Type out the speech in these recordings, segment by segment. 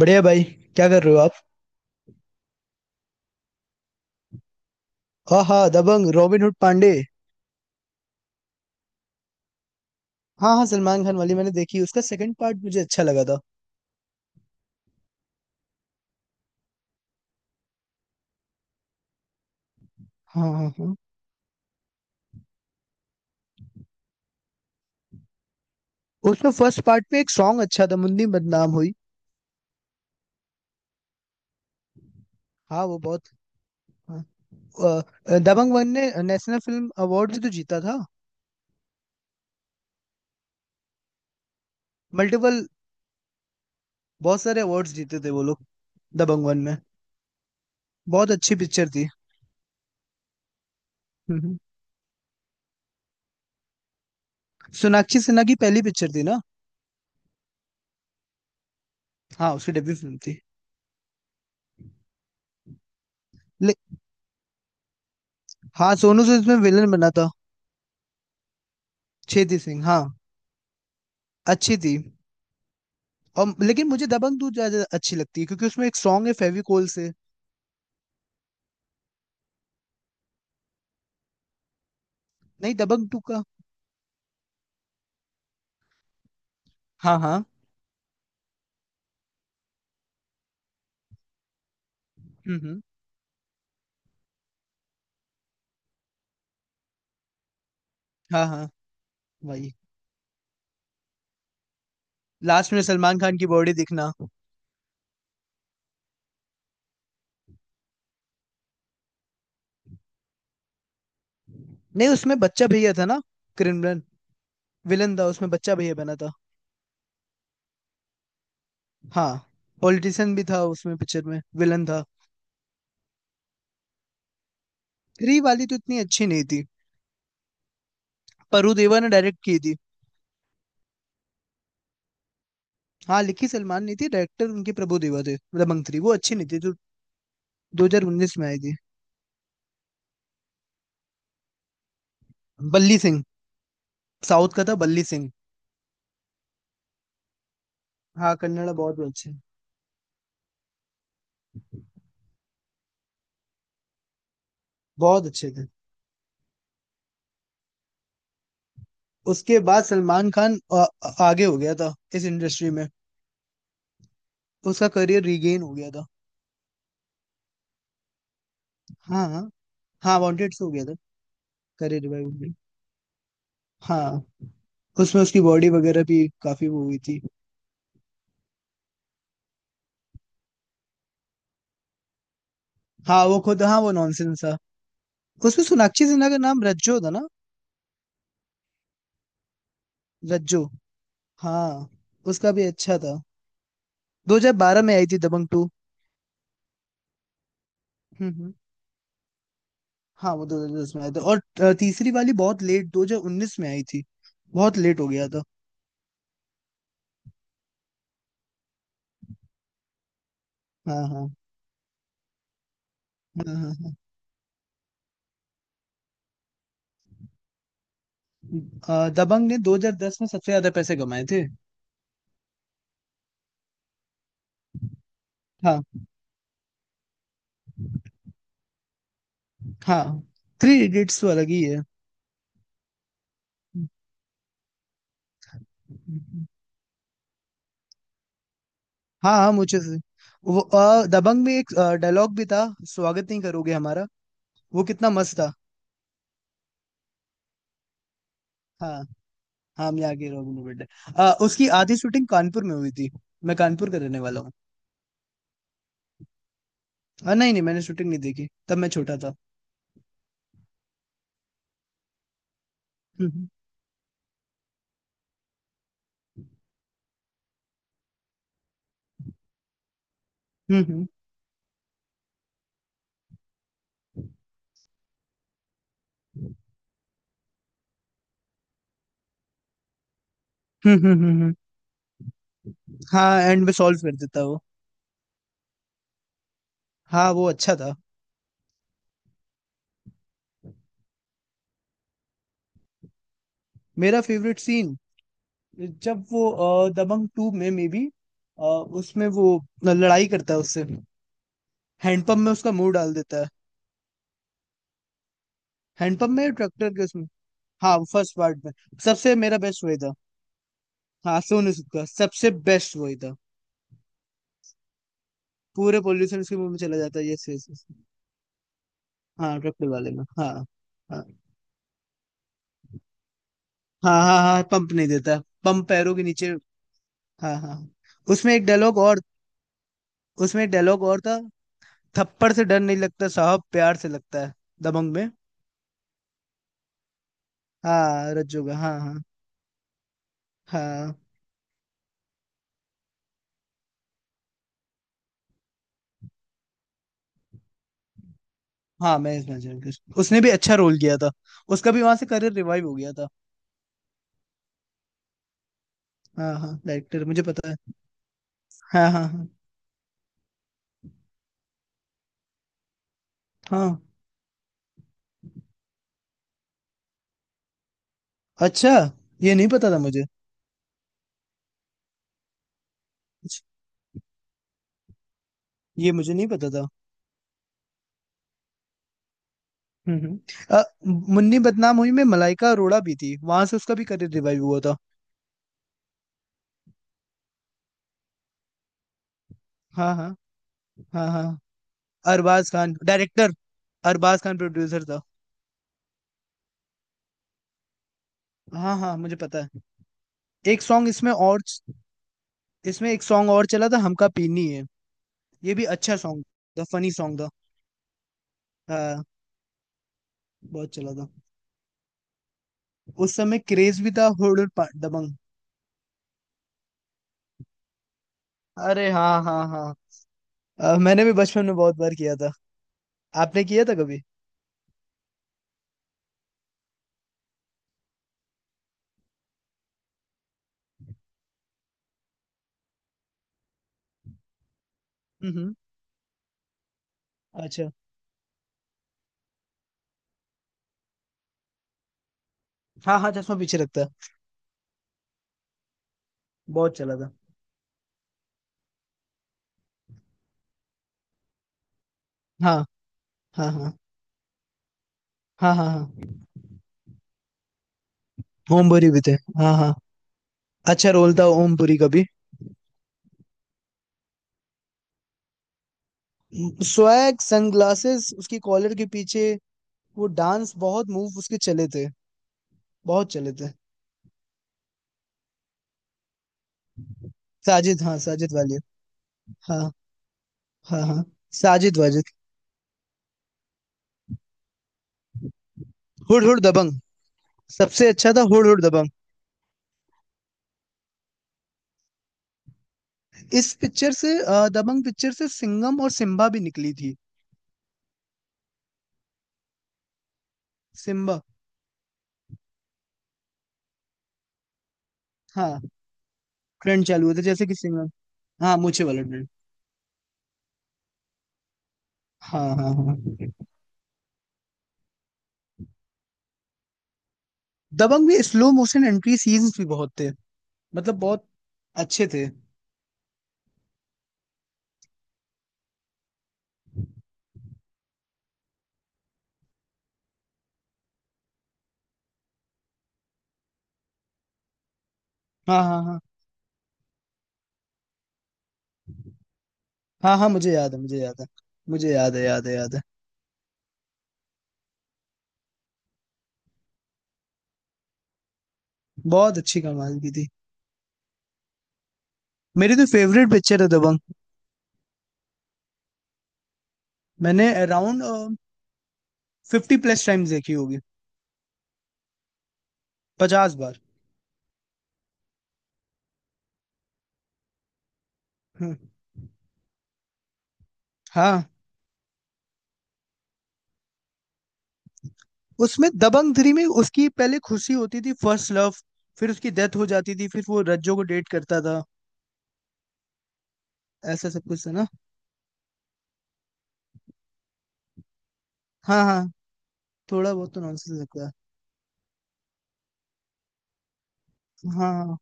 बढ़िया भाई। क्या कर रहे हो आप? हाँ हाँ, दबंग रॉबिन हुड पांडे। हाँ हाँ, सलमान खान वाली मैंने देखी। उसका सेकंड पार्ट मुझे अच्छा लगा था। हाँ हाँ हाँ। उसमें फर्स्ट पार्ट में एक सॉन्ग अच्छा था, मुन्नी बदनाम हुई। हाँ वो बहुत। हाँ। दबंग वन ने नेशनल फिल्म अवार्ड भी तो जीता था। मल्टीपल। बहुत सारे अवार्ड्स जीते थे वो लोग, दबंग वन में। बहुत अच्छी पिक्चर थी। हम्म, हम्म। सोनाक्षी सिन्हा की पहली पिक्चर थी ना? हाँ, उसकी डेब्यू फिल्म थी। ले, हाँ, सोनू सूद इसमें विलन बना था। छेदी सिंह, हाँ। अच्छी थी। और लेकिन मुझे दबंग टू ज्यादा अच्छी लगती है क्योंकि उसमें एक सॉन्ग है फेविकोल से। नहीं, दबंग टू का। हाँ हाँ। हम्म। हाँ हाँ। वही। लास्ट में सलमान खान की बॉडी दिखना। नहीं, उसमें बच्चा भैया था ना। क्रिमिनल। विलन था उसमें, बच्चा भैया बना था। हाँ। पॉलिटिशियन भी था उसमें, पिक्चर में विलन था। थ्री वाली तो इतनी अच्छी नहीं थी। प्रभु देवा ने डायरेक्ट की थी। हाँ, लिखी सलमान नहीं थी। डायरेक्टर उनके प्रभु देवा थे। दबंग थ्री वो अच्छी नहीं थी, जो 2019 में आई थी। बल्ली सिंह। साउथ का था बल्ली सिंह। हाँ, कन्नड़ा बहुत अच्छे। बहुत अच्छे थे। उसके बाद सलमान खान आगे हो गया था इस इंडस्ट्री में। उसका करियर रिगेन हो गया था। हाँ हाँ हाँ। वांटेड से हो गया था। करियर रिवाइव में। हाँ। उसमें उसकी बॉडी वगैरह भी काफी वो हुई थी। हाँ, वो खुद, हाँ वो नॉनसेंस था। उसमें सोनाक्षी सिन्हा का नाम रज्जो था ना। रज्जो। हाँ। उसका भी अच्छा था। 2012 में आई थी दबंग टू। हम्म हम्म। हाँ, वो 2010 में आया था। और तीसरी वाली बहुत लेट 2019 में आई थी। बहुत लेट हो गया था। हाँ हाँ हाँ। हाँ हाँ। दबंग ने 2010 में सबसे ज्यादा पैसे कमाए थे। हाँ हाँ। थ्री इडियट्स तो अलग ही है। हाँ हाँ, मुझे से वो दबंग में एक डायलॉग भी था। स्वागत नहीं करोगे हमारा। वो कितना मस्त था। हाँ हाँ, हम यहाँ के रॉबिन हुड हैं। उसकी आधी शूटिंग कानपुर में हुई थी। मैं कानपुर का रहने वाला हूँ। हाँ, नहीं नहीं, मैंने शूटिंग नहीं देखी, तब मैं छोटा था। हम्म हम्म। हम्म। हाँ, एंड में सॉल्व कर देता वो। हाँ, वो अच्छा था। मेरा फेवरेट सीन, जब वो दबंग टू में मे बी, उसमें वो लड़ाई करता है उससे, हैंडपंप में उसका मुंह डाल देता है। हैंडपंप में ट्रैक्टर के उसमें। हाँ, फर्स्ट पार्ट में। सबसे मेरा बेस्ट वही था। हाँ, सोनू सूद का सबसे बेस्ट वही था। पूरे पोल्यूशन उसके मुंह में चला जाता है, यस यस। हाँ, ट्रैक्टर वाले में, हाँ। हाँ हाँ हाँ। हाँ पंप नहीं देता। पंप पैरों के नीचे। हाँ हाँ हाँ। उसमें एक डायलॉग और। उसमें एक डायलॉग और था। थप्पड़ से डर नहीं लगता साहब, प्यार से लगता है। दबंग में। हाँ, रज्जू का, हाँ हाँ। हाँ हाँ, मैं इस मैच उसने भी अच्छा रोल किया था। उसका भी वहां से करियर रिवाइव हो गया था। हाँ हाँ, डायरेक्टर मुझे पता है। हाँ हाँ। हाँ हाँ। अच्छा। ये नहीं पता था मुझे। ये मुझे नहीं पता था। हम्म हम्म। अ, मुन्नी बदनाम हुई में मलाइका अरोड़ा भी थी, वहां से उसका भी करियर रिवाइव हुआ था। हाँ हाँ। हाँ हाँ। अरबाज खान डायरेक्टर, अरबाज खान प्रोड्यूसर था। हाँ हाँ, मुझे पता है। एक सॉन्ग इसमें और। इसमें एक सॉन्ग और चला था, हमका पीनी है। ये भी अच्छा सॉन्ग था, फनी सॉन्ग था। हाँ। बहुत चला था। उस समय क्रेज भी था। दबंग। अरे हाँ हाँ हाँ। मैंने भी बचपन में बहुत बार किया था। आपने किया था कभी? हम्म। अच्छा। हाँ हाँ, चश्मा पीछे रखता है। बहुत चला था। हाँ हाँ हाँ। हाँ हाँ हाँ। ओमपुरी भी थे। हाँ हाँ। अच्छा रोल था ओमपुरी का भी। स्वैग सनग्लासेस उसकी कॉलर के पीछे। वो डांस बहुत मूव उसके चले थे। बहुत चले थे। साजिद, हाँ साजिद वाली। हाँ हाँ। हाँ, साजिद वाजिद। Hood hood Dabangg. सबसे अच्छा था हुड हुड दबंग। इस पिक्चर से दबंग पिक्चर से सिंघम और सिम्बा भी निकली थी। सिम्बा। हाँ, ट्रेंड चालू हुआ था जैसे कि सिंघम। हाँ, मूछे वाला ट्रेंड। हाँ हाँ हाँ। दबंग में स्लो मोशन एंट्री सीन्स भी बहुत थे, मतलब बहुत अच्छे थे। हाँ हाँ हाँ। हाँ हाँ, मुझे याद है, मुझे याद है। मुझे याद है, याद है, याद है। बहुत अच्छी कमाल की थी। मेरी तो फेवरेट पिक्चर है दबंग। मैंने अराउंड 50 प्लस टाइम्स देखी होगी। 50 बार। हम्म। हाँ। उसमें दबंग थ्री में उसकी पहले खुशी होती थी, फर्स्ट लव। फिर उसकी डेथ हो जाती थी, फिर वो रज्जो को डेट करता था। ऐसा सब कुछ था ना। हाँ हाँ। थोड़ा बहुत तो नॉनसेंस लगता है। हाँ हाँ,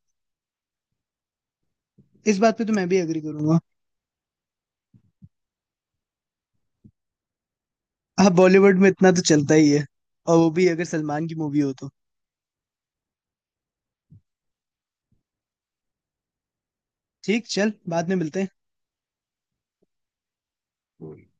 इस बात पे तो मैं भी एग्री करूंगा। हाँ, बॉलीवुड में इतना तो चलता ही है। और वो भी अगर सलमान की मूवी हो तो। ठीक, चल बाद में मिलते हैं।